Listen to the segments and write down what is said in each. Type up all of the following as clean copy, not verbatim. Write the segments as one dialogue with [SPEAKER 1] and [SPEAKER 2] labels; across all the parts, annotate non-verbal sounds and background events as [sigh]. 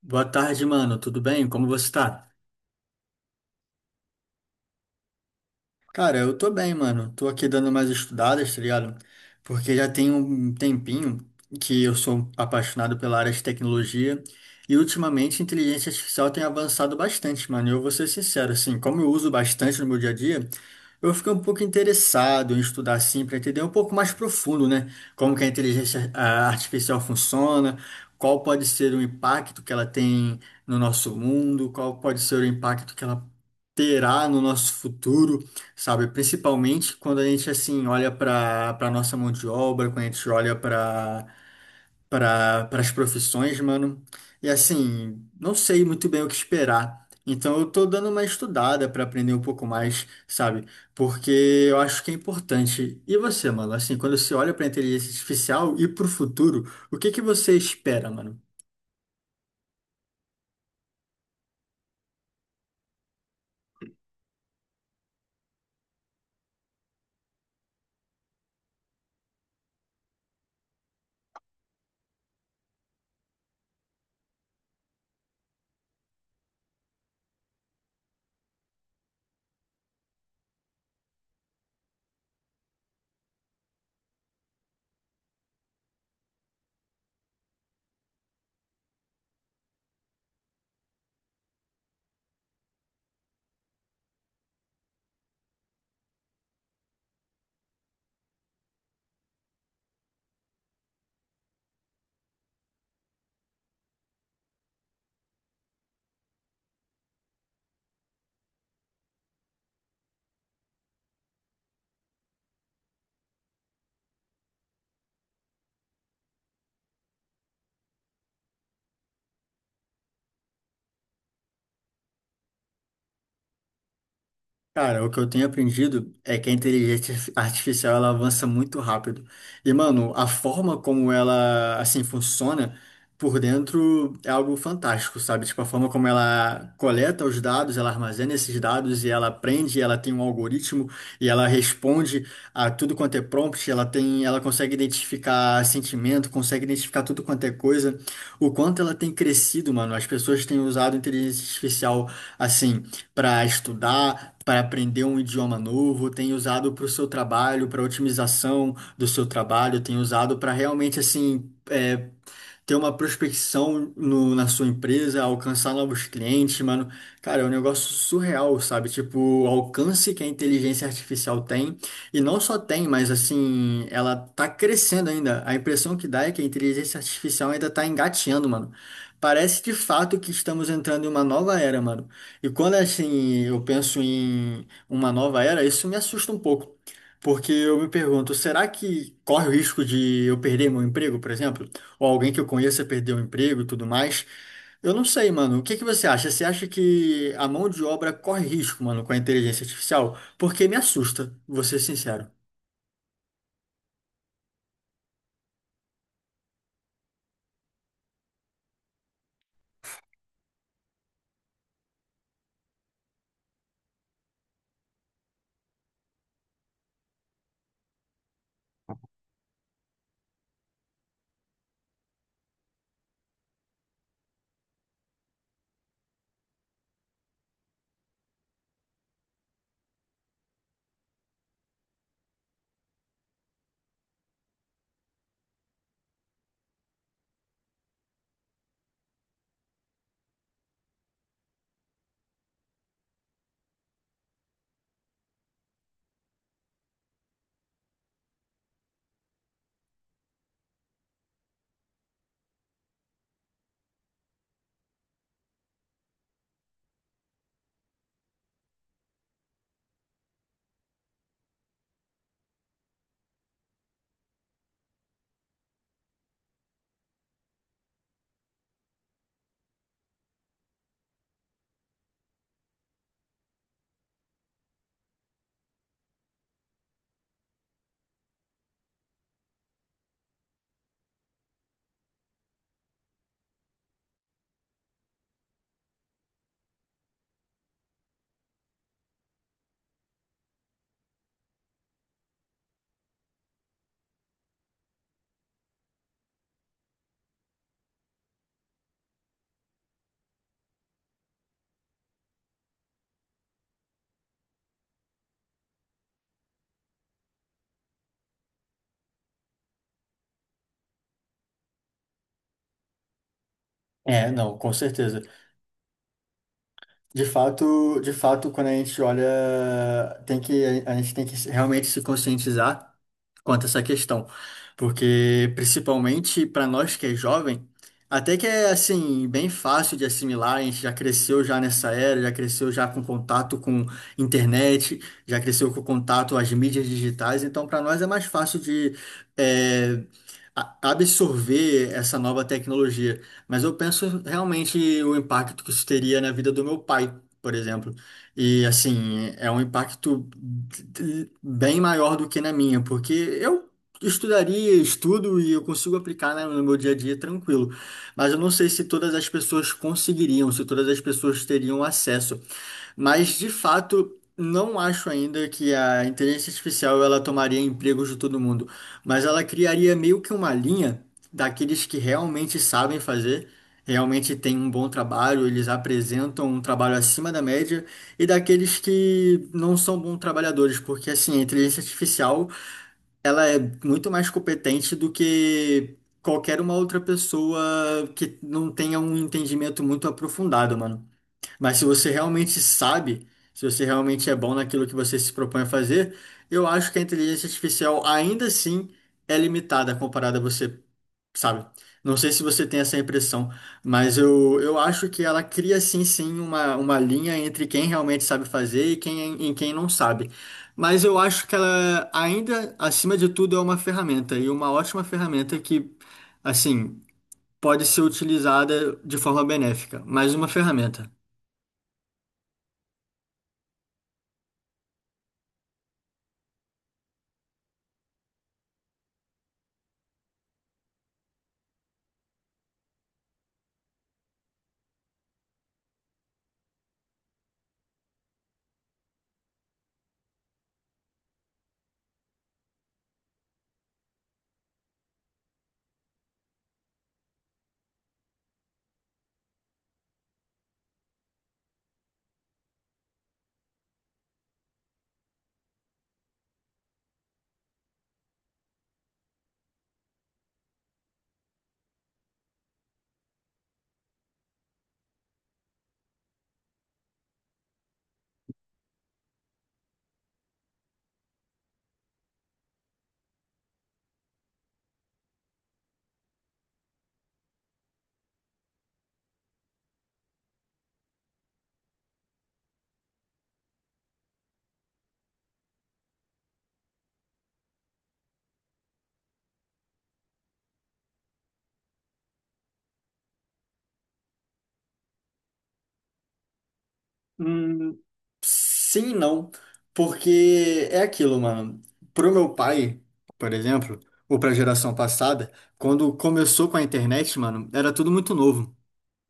[SPEAKER 1] Boa tarde, mano. Tudo bem? Como você tá? Cara, eu tô bem, mano. Tô aqui dando umas estudadas, tá ligado? Porque já tem um tempinho que eu sou apaixonado pela área de tecnologia e ultimamente a inteligência artificial tem avançado bastante, mano. E eu vou ser sincero, assim, como eu uso bastante no meu dia a dia, eu fiquei um pouco interessado em estudar assim para entender um pouco mais profundo, né? Como que a inteligência artificial funciona, qual pode ser o impacto que ela tem no nosso mundo, qual pode ser o impacto que ela terá no nosso futuro, sabe? Principalmente quando a gente assim olha para nossa mão de obra, quando a gente olha para as profissões, mano. E assim, não sei muito bem o que esperar. Então eu tô dando uma estudada para aprender um pouco mais, sabe? Porque eu acho que é importante. E você, mano? Assim, quando você olha para inteligência artificial e para o futuro, o que que você espera, mano? Cara, o que eu tenho aprendido é que a inteligência [laughs] artificial ela avança muito rápido. E, mano, a forma como ela assim funciona por dentro é algo fantástico, sabe? Tipo, a forma como ela coleta os dados, ela armazena esses dados e ela aprende, ela tem um algoritmo e ela responde a tudo quanto é prompt, ela tem, ela consegue identificar sentimento, consegue identificar tudo quanto é coisa. O quanto ela tem crescido, mano, as pessoas têm usado inteligência artificial assim para estudar, para aprender um idioma novo, tem usado para o seu trabalho, para otimização do seu trabalho, tem usado para realmente assim, é, ter uma prospecção na sua empresa, alcançar novos clientes, mano. Cara, é um negócio surreal, sabe? Tipo, o alcance que a inteligência artificial tem, e não só tem, mas assim, ela tá crescendo ainda. A impressão que dá é que a inteligência artificial ainda tá engatinhando, mano. Parece de fato que estamos entrando em uma nova era, mano. E quando assim eu penso em uma nova era, isso me assusta um pouco. Porque eu me pergunto, será que corre o risco de eu perder meu emprego, por exemplo? Ou alguém que eu conheça perdeu o emprego e tudo mais. Eu não sei, mano. O que que você acha? Você acha que a mão de obra corre risco, mano, com a inteligência artificial? Porque me assusta, vou ser sincero. É, não, com certeza. De fato, quando a gente olha, tem que, a gente tem que realmente se conscientizar quanto a essa questão. Porque, principalmente para nós que é jovem, até que é assim, bem fácil de assimilar, a gente já cresceu já nessa era, já cresceu já com contato com internet, já cresceu com contato às mídias digitais, então para nós é mais fácil de eh, absorver essa nova tecnologia. Mas eu penso realmente o impacto que isso teria na vida do meu pai, por exemplo. E assim, é um impacto bem maior do que na minha, porque eu estudaria, estudo e eu consigo aplicar, né, no meu dia a dia tranquilo. Mas eu não sei se todas as pessoas conseguiriam, se todas as pessoas teriam acesso. Mas de fato, não acho ainda que a inteligência artificial ela tomaria empregos de todo mundo, mas ela criaria meio que uma linha daqueles que realmente sabem fazer, realmente têm um bom trabalho, eles apresentam um trabalho acima da média, e daqueles que não são bons trabalhadores, porque assim, a inteligência artificial, ela é muito mais competente do que qualquer uma outra pessoa que não tenha um entendimento muito aprofundado, mano. Mas se você realmente sabe, se você realmente é bom naquilo que você se propõe a fazer, eu acho que a inteligência artificial ainda assim é limitada comparada a você, sabe? Não sei se você tem essa impressão, mas eu acho que ela cria sim, sim, uma linha entre quem realmente sabe fazer e quem não sabe. Mas eu acho que ela ainda, acima de tudo, é uma ferramenta e uma ótima ferramenta que, assim, pode ser utilizada de forma benéfica, mais uma ferramenta. Sim, e não, porque é aquilo, mano. Pro meu pai, por exemplo, ou pra geração passada, quando começou com a internet, mano, era tudo muito novo.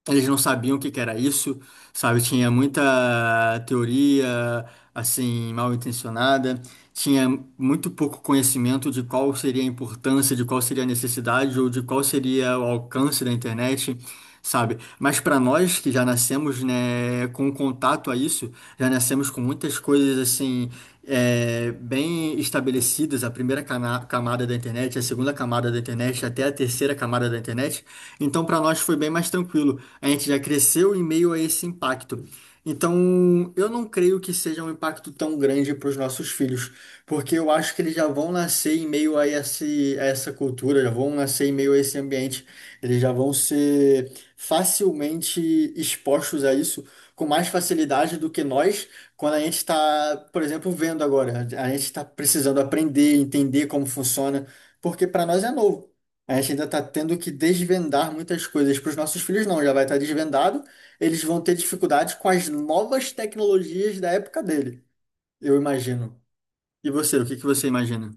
[SPEAKER 1] Eles não sabiam o que que era isso, sabe? Tinha muita teoria, assim, mal intencionada, tinha muito pouco conhecimento de qual seria a importância, de qual seria a necessidade ou de qual seria o alcance da internet, sabe? Mas para nós que já nascemos, né, com contato a isso, já nascemos com muitas coisas, assim, é, bem estabelecidas, a primeira camada da internet, a segunda camada da internet, até a terceira camada da internet. Então, para nós foi bem mais tranquilo. A gente já cresceu em meio a esse impacto. Então, eu não creio que seja um impacto tão grande para os nossos filhos, porque eu acho que eles já vão nascer em meio a a essa cultura, já vão nascer em meio a esse ambiente, eles já vão ser facilmente expostos a isso com mais facilidade do que nós, quando a gente está, por exemplo, vendo agora, a gente está precisando aprender, entender como funciona, porque para nós é novo. A gente ainda está tendo que desvendar muitas coisas. Para os nossos filhos, não, já vai estar desvendado. Eles vão ter dificuldade com as novas tecnologias da época dele, eu imagino. E você, o que que você imagina?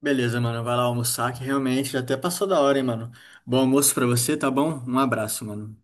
[SPEAKER 1] Beleza, mano, vai lá almoçar, que realmente já até passou da hora, hein, mano. Bom almoço para você, tá bom? Um abraço, mano.